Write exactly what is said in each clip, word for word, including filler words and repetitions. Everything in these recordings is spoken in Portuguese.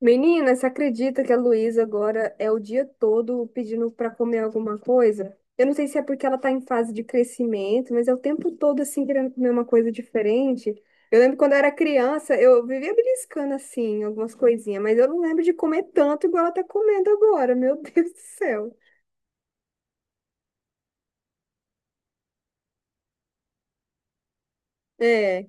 Menina, você acredita que a Luísa agora é o dia todo pedindo para comer alguma coisa? Eu não sei se é porque ela tá em fase de crescimento, mas é o tempo todo assim querendo comer uma coisa diferente. Eu lembro quando eu era criança, eu vivia beliscando assim algumas coisinhas, mas eu não lembro de comer tanto igual ela tá comendo agora. Meu Deus do céu. É.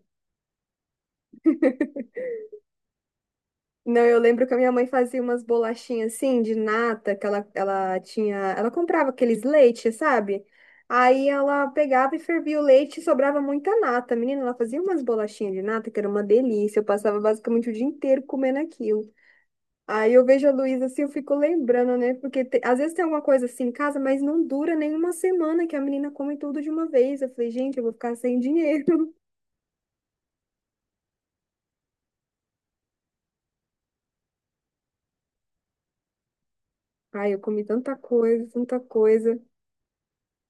Não, eu lembro que a minha mãe fazia umas bolachinhas assim de nata, que ela, ela tinha, ela comprava aqueles leites, sabe? Aí ela pegava e fervia o leite e sobrava muita nata. Menina, ela fazia umas bolachinhas de nata que era uma delícia. Eu passava basicamente o dia inteiro comendo aquilo. Aí eu vejo a Luísa assim, eu fico lembrando, né? Porque te- às vezes tem alguma coisa assim em casa, mas não dura nem uma semana que a menina come tudo de uma vez. Eu falei, gente, eu vou ficar sem dinheiro. Ai, eu comi tanta coisa, tanta coisa.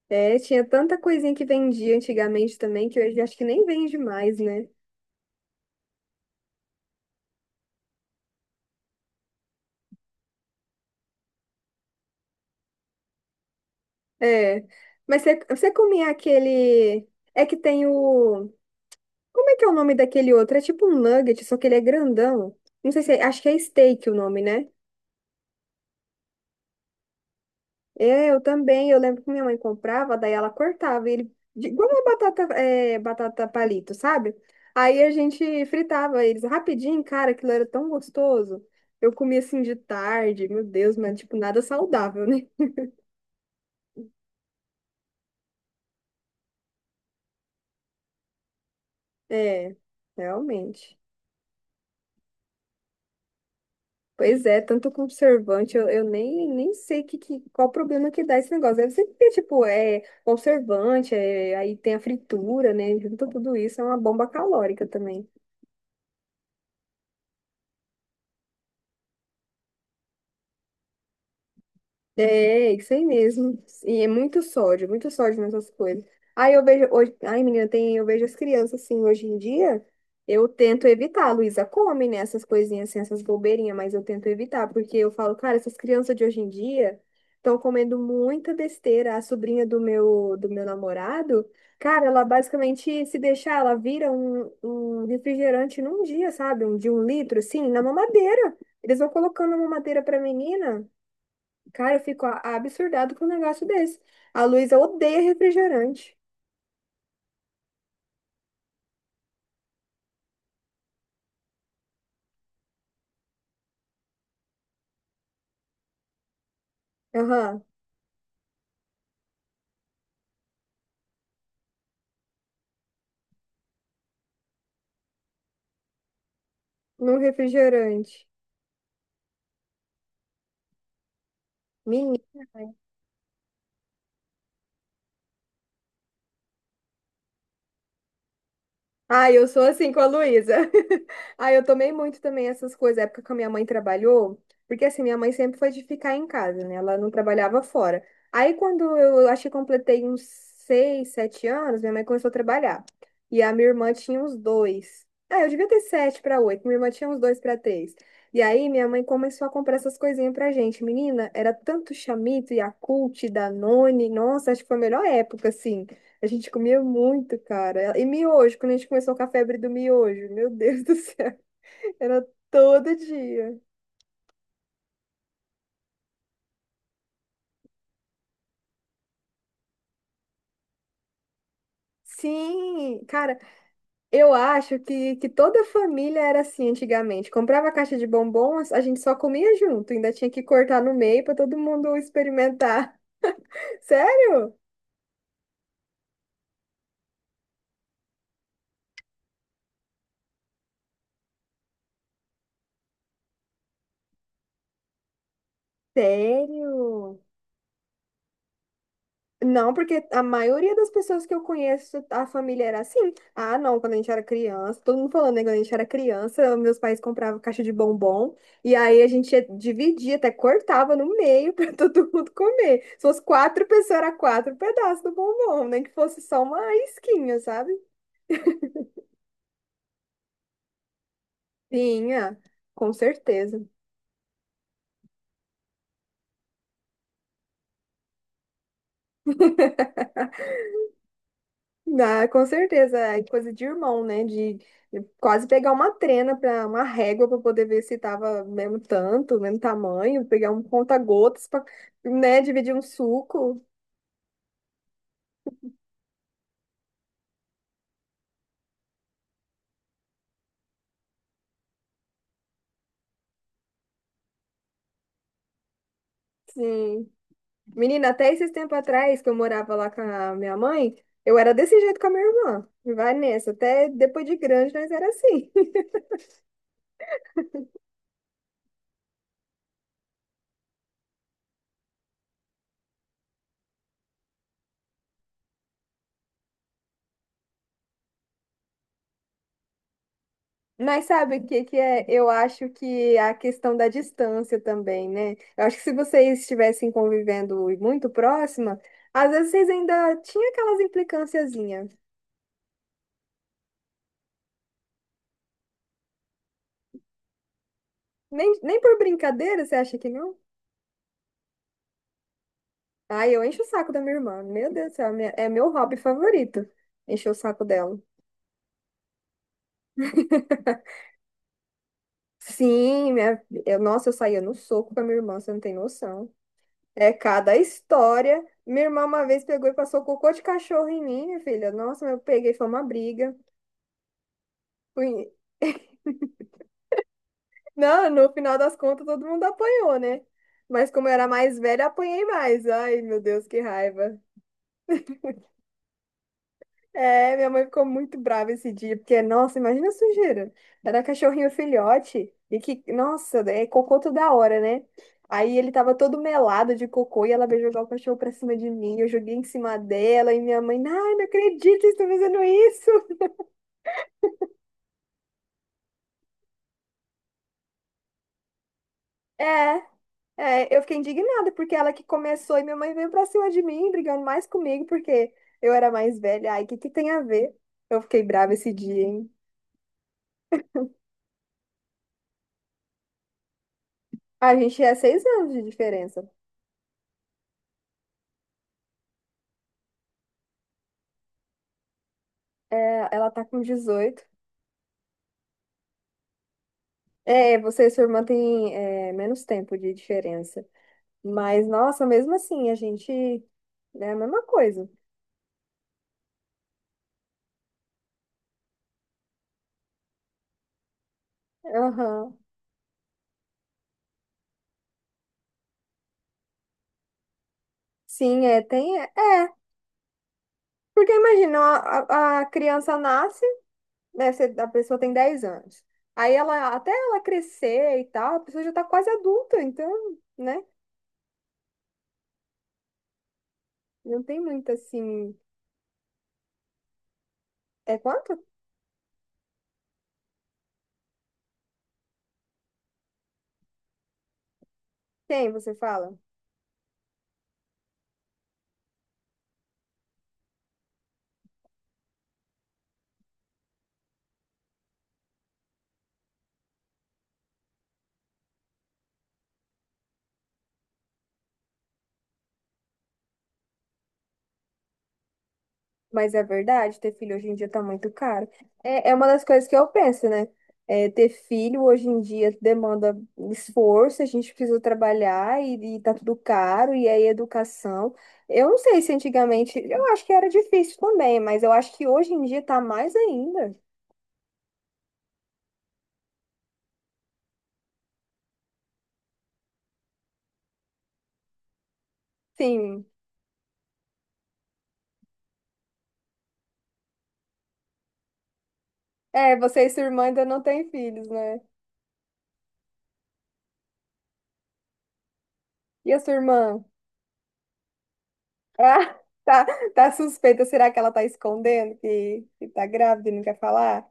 É, tinha tanta coisinha que vendia antigamente também, que hoje acho que nem vende mais, né? É. Mas você, você comia aquele. É que tem o. Como é que é o nome daquele outro? É tipo um nugget, só que ele é grandão. Não sei se é... Acho que é steak o nome, né? É, eu também. Eu lembro que minha mãe comprava, daí ela cortava ele. de- Igual uma batata, é, batata palito, sabe? Aí a gente fritava eles rapidinho, cara, aquilo era tão gostoso. Eu comia assim de tarde, meu Deus, mas tipo, nada saudável, né? É, realmente. Pois é, tanto conservante, eu, eu nem, nem sei que, que, qual problema que dá esse negócio. Deve ser porque, tipo, é conservante, é, aí tem a fritura, né? Junto tudo isso, é uma bomba calórica também. É, isso aí mesmo. E é muito sódio, muito sódio nessas coisas. Aí eu vejo hoje, ai menina, tem, eu vejo as crianças assim hoje em dia, eu tento evitar. A Luísa come, né, essas coisinhas assim, essas bobeirinhas, mas eu tento evitar, porque eu falo, cara, essas crianças de hoje em dia estão comendo muita besteira. A sobrinha do meu do meu namorado, cara, ela basicamente se deixar, ela vira um, um refrigerante num dia, sabe? Um de um litro assim, na mamadeira. Eles vão colocando a mamadeira pra menina. Cara, eu fico a- absurdado com um negócio desse. A Luísa odeia refrigerante. Aham, não refrigerante. Menina. Ah, eu sou assim com a Luísa. Ah, eu tomei muito também essas coisas, época que a minha mãe trabalhou, porque assim, minha mãe sempre foi de ficar em casa, né? Ela não trabalhava fora. Aí quando eu acho que completei uns seis, sete anos, minha mãe começou a trabalhar. E a minha irmã tinha uns dois. Ah, eu devia ter sete para oito, minha irmã tinha uns dois para três. E aí minha mãe começou a comprar essas coisinhas pra gente. Menina, era tanto Chamito, Yakult, Danone. Nossa, acho que foi a melhor época, assim. A gente comia muito, cara. E miojo, quando a gente começou com a febre do miojo, meu Deus do céu, era todo dia. Sim, cara, eu acho que, que toda família era assim antigamente. Comprava a caixa de bombons, a gente só comia junto, ainda tinha que cortar no meio para todo mundo experimentar. Sério? Sério? Não, porque a maioria das pessoas que eu conheço, a família era assim. Ah, não, quando a gente era criança, todo mundo falando, né? Quando a gente era criança, meus pais compravam caixa de bombom, e aí a gente ia- dividia, até cortava no meio para todo mundo comer. Se fosse quatro pessoas, era quatro pedaços do bombom, nem que fosse só uma isquinha, sabe? Tinha, com certeza. Ah, com certeza, é coisa de irmão, né? De de quase pegar uma trena para uma régua para poder ver se tava mesmo tanto, mesmo tamanho, pegar um conta-gotas para, né, dividir um suco. Sim. Menina, até esses tempos atrás que eu morava lá com a minha mãe, eu era desse jeito com a minha irmã. Vai nessa, até depois de grande nós era assim. Mas sabe o que que é? Eu acho que a questão da distância também, né? Eu acho que se vocês estivessem convivendo muito próxima, às vezes vocês ainda tinham aquelas implicânciazinhas. Nem, nem por brincadeira, você acha que não? Ai, eu encho o saco da minha irmã. Meu Deus do céu, minha- é meu hobby favorito. Encher o saco dela. Sim, minha, eu, nossa, eu saía no soco com a minha irmã, você não tem noção. É cada história. Minha irmã uma vez pegou e passou cocô de cachorro em mim, minha filha. Nossa, eu peguei, foi uma briga. Fui... Não, no final das contas todo mundo apanhou, né? Mas como eu era mais velha, apanhei mais. Ai, meu Deus, que raiva. É, minha mãe ficou muito brava esse dia, porque, nossa, imagina a sujeira. Era cachorrinho filhote, e que, nossa, é cocô toda hora, né? Aí ele tava todo melado de cocô e ela veio jogar o cachorro pra cima de mim. Eu joguei em cima dela e minha mãe, ai, não acredito, vocês estão fazendo isso. É, é, eu fiquei indignada porque ela que começou e minha mãe veio pra cima de mim, brigando mais comigo porque eu era mais velha. Ai, o que que tem a ver? Eu fiquei brava esse dia, hein? A gente é seis anos de diferença. É, ela tá com dezoito. É, você e sua irmã têm é, menos tempo de diferença. Mas, nossa, mesmo assim, a gente é a mesma coisa. Aham. Sim, é, tem. É, é, porque imagina, a, a a criança nasce. Né, você- a pessoa tem dez anos. Aí ela, até ela crescer e tal, a pessoa já tá quase adulta, então, né? Não tem muito assim. É quanto? Tem, você fala. Mas é verdade, ter filho hoje em dia tá muito caro. É, é uma das coisas que eu penso, né? É, ter filho hoje em dia demanda esforço, a gente precisa trabalhar e, e tá tudo caro, e aí educação. Eu não sei se antigamente, eu acho que era difícil também, mas eu acho que hoje em dia tá mais ainda. Sim. É, você e sua irmã ainda não têm filhos, né? E a sua irmã? Ah, tá, tá suspeita. Será que ela tá escondendo que, que tá grávida e não quer falar?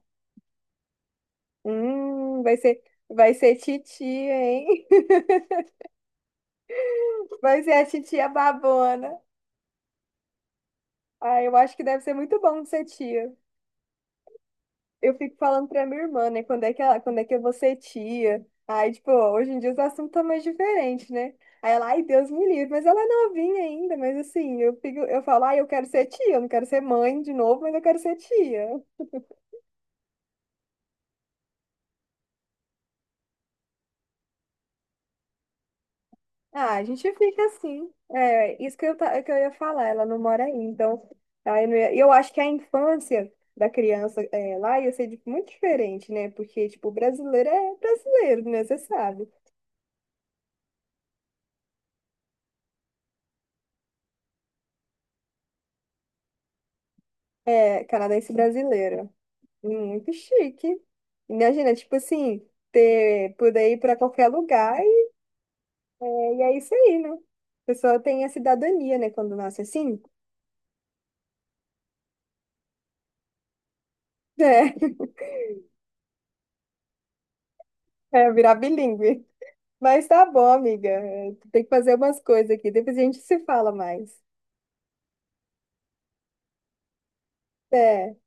Hum, vai ser, vai ser titia, hein? Vai ser a titia babona. Ah, eu acho que deve ser muito bom de ser tia. Eu fico falando pra minha irmã, né? Quando é que ela, quando é que eu vou ser tia? Aí, tipo, hoje em dia os assuntos estão mais diferentes, né? Aí ela, ai, Deus me livre, mas ela é novinha ainda, mas assim, eu fico, eu falo, ai, eu quero ser tia, eu não quero ser mãe de novo, mas eu quero ser tia. Ah, a gente fica assim. É, isso que eu, ta- que eu ia falar, ela não mora aí, então. Aí eu, não ia- eu acho que a infância da criança é, lá ia ser tipo, muito diferente, né? Porque, tipo, brasileiro é brasileiro, né? Você sabe. É, canadense brasileiro. Muito chique. Imagina, tipo assim, ter, poder ir para qualquer lugar e, e é isso aí, né? A pessoa tem a cidadania, né? Quando nasce assim, é, é virar bilíngue. Mas tá bom, amiga. É, tem que fazer umas coisas aqui. Depois a gente se fala mais. É.